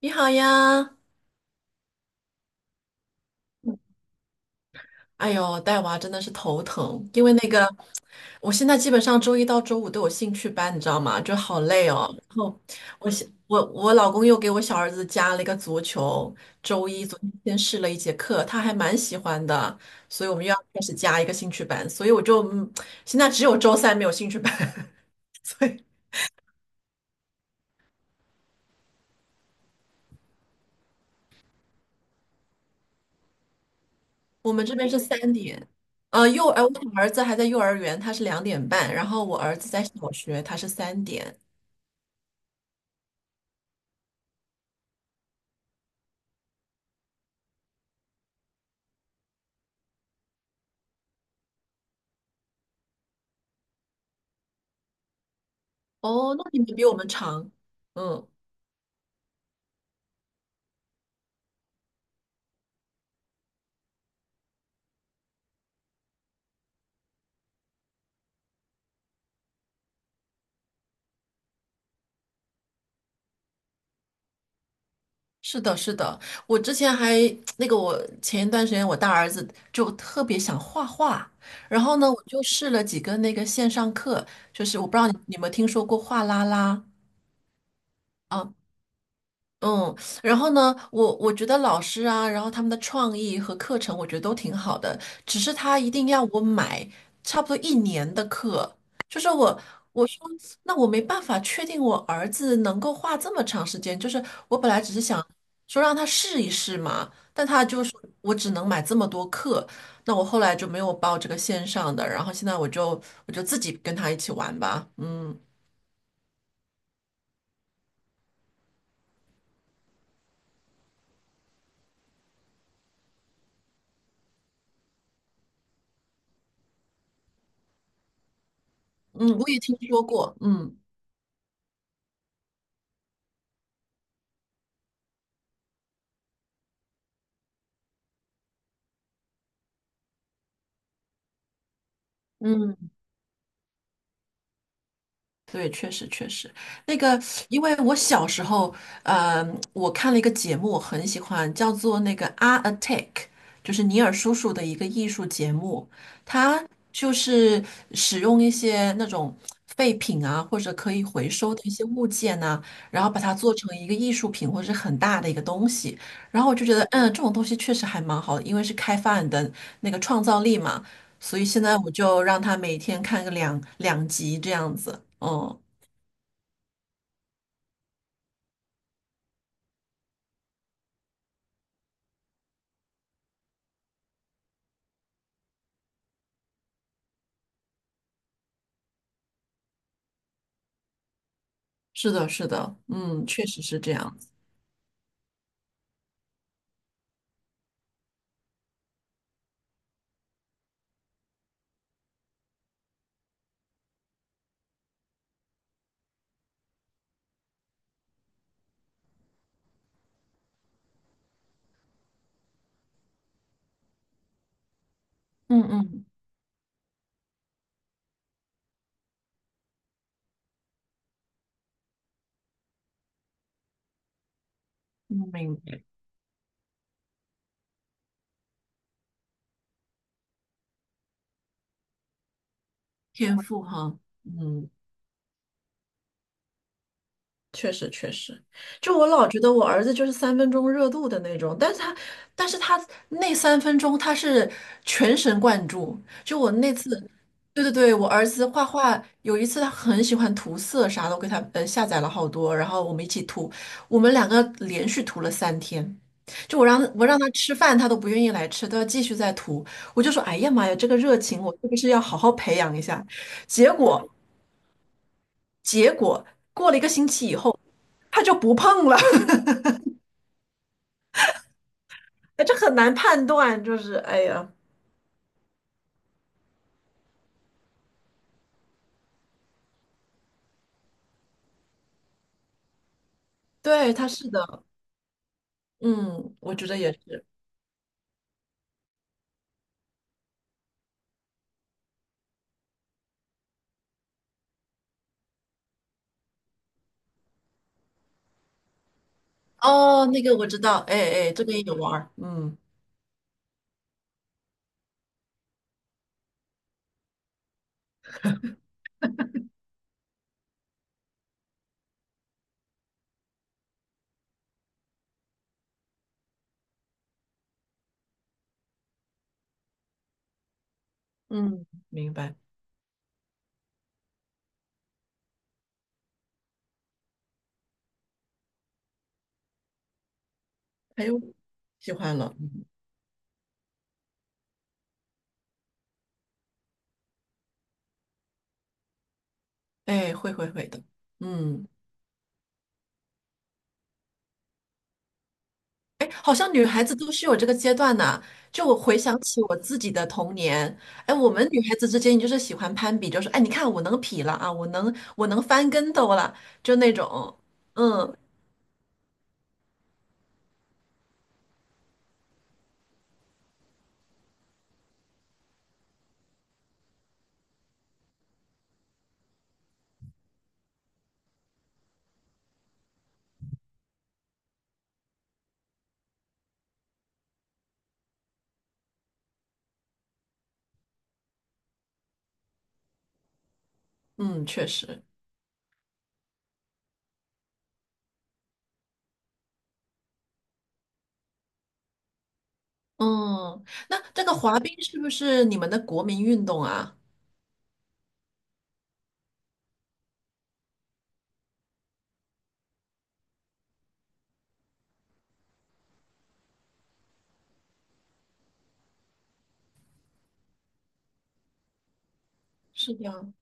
你好呀。哎呦，带娃真的是头疼，因为那个，我现在基本上周一到周五都有兴趣班，你知道吗？就好累哦。然后我小我我老公又给我小儿子加了一个足球。周一昨天先试了一节课，他还蛮喜欢的，所以我们又要开始加一个兴趣班，所以我就现在只有周三没有兴趣班。所以我们这边是三点。我小儿子还在幼儿园，他是2点半，然后我儿子在小学，他是三点。哦，那你们比我们长。嗯，是的，是的。我之前还 我前一段时间我大儿子就特别想画画。然后呢，我就试了几个那个线上课，就是我不知道你有没有听说过画啦啦。嗯。然后呢，我觉得老师啊，然后他们的创意和课程，我觉得都挺好的。只是他一定要我买差不多一年的课。就是我我说那我没办法确定我儿子能够画这么长时间，就是我本来只是想说让他试一试嘛，但他就是我只能买这么多课。那我后来就没有报这个线上的，然后现在我就我就自己跟他一起玩吧。嗯嗯，我也听说过，嗯。嗯。对，确实确实。那个，因为我小时候，嗯，我看了一个节目，我很喜欢，叫做那个《Art Attack》,就是尼尔叔叔的一个艺术节目。他就是使用一些那种废品啊，或者可以回收的一些物件呐、然后把它做成一个艺术品或者是很大的一个东西。然后我就觉得，嗯，这种东西确实还蛮好的，因为是开发你的那个创造力嘛。所以现在我就让他每天看个两集这样子。嗯。是的，是的，嗯，确实是这样子。嗯嗯，嗯，明白。天赋哈，嗯。确实确实。就我老觉得我儿子就是三分钟热度的那种，但是他，但是他那三分钟他是全神贯注。就我那次，对对对，我儿子画画，有一次他很喜欢涂色啥的，我给他下载了好多，然后我们一起涂。我们两个连续涂了3天。就我让他吃饭，他都不愿意来吃，都要继续再涂。我就说，哎呀妈呀，这个热情我是不是要好好培养一下？结果结果过了一个星期以后，他就不碰了。这很难判断。就是哎呀，对，他是的。嗯，我觉得也是。哦，那个我知道。哎哎，这个也有玩儿。嗯嗯，明白。还有喜欢了。哎，会会会的。嗯。哎，好像女孩子都是有这个阶段呐、就我回想起我自己的童年，哎，我们女孩子之间就是喜欢攀比，就是哎，你看我能劈了啊，我能翻跟斗了，就那种。嗯嗯，确实。嗯，那这个滑冰是不是你们的国民运动啊？是的。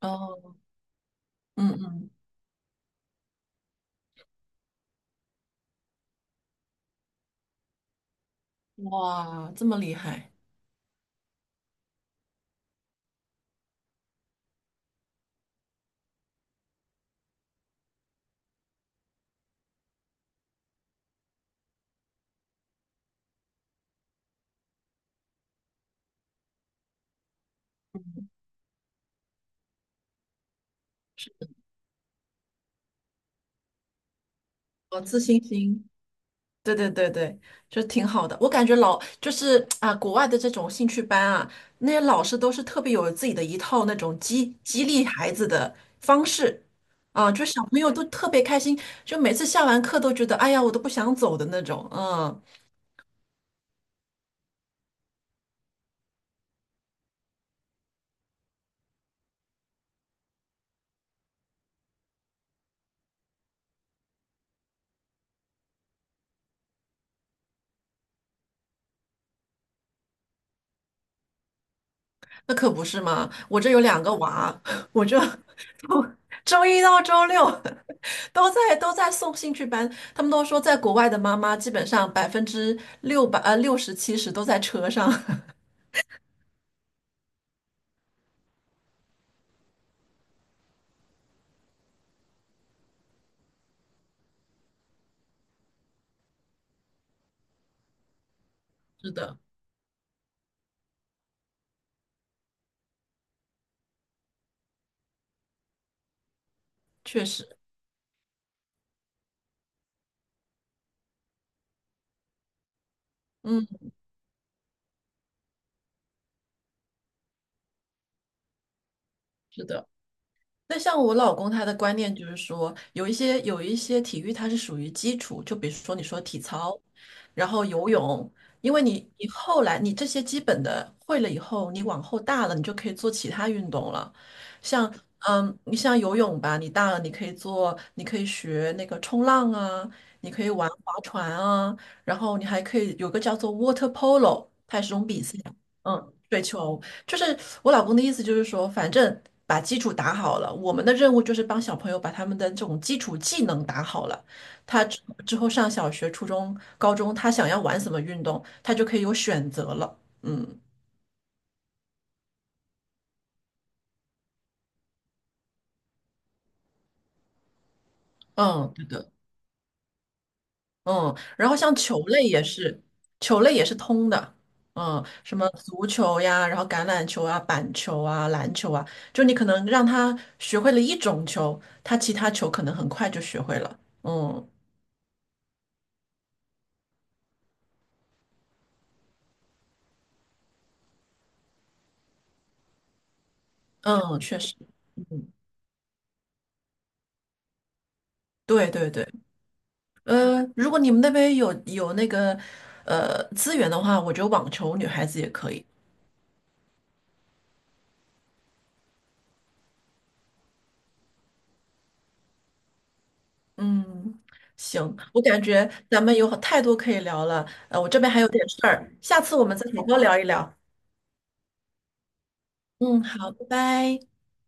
哦。嗯嗯，哇，这么厉害。哦，自信心。对对对对，就挺好的。我感觉老就是啊，国外的这种兴趣班啊，那些老师都是特别有自己的一套那种激励孩子的方式啊，就小朋友都特别开心，就每次下完课都觉得哎呀，我都不想走的那种。嗯。那可不是嘛！我这有两个娃，我就从周一到周六都在送兴趣班。他们都说，在国外的妈妈基本上百分之六十七十都在车上。是的，确实，嗯，是的。那像我老公他的观念就是说，有一些体育它是属于基础，就比如说你说体操，然后游泳。因为你后来你这些基本的会了以后，你往后大了你就可以做其他运动了。像嗯，你像游泳吧，你大了你可以做，你可以学那个冲浪啊，你可以玩划船啊，然后你还可以有个叫做 water polo,它也是种比赛，嗯，水球。就是我老公的意思，就是说，反正把基础打好了，我们的任务就是帮小朋友把他们的这种基础技能打好了。他之之后上小学、初中、高中，他想要玩什么运动，他就可以有选择了。嗯嗯对的。嗯，然后像球类也是，球类也是通的。嗯，什么足球呀，然后橄榄球啊、板球啊、篮球啊，就你可能让他学会了一种球，他其他球可能很快就学会了。嗯嗯，确实。对对对，呃，如果你们那边有那个资源的话，我觉得网球女孩子也可以。嗯，行，我感觉咱们有太多可以聊了，呃，我这边还有点事儿，下次我们再好好聊一聊。嗯，好，拜拜。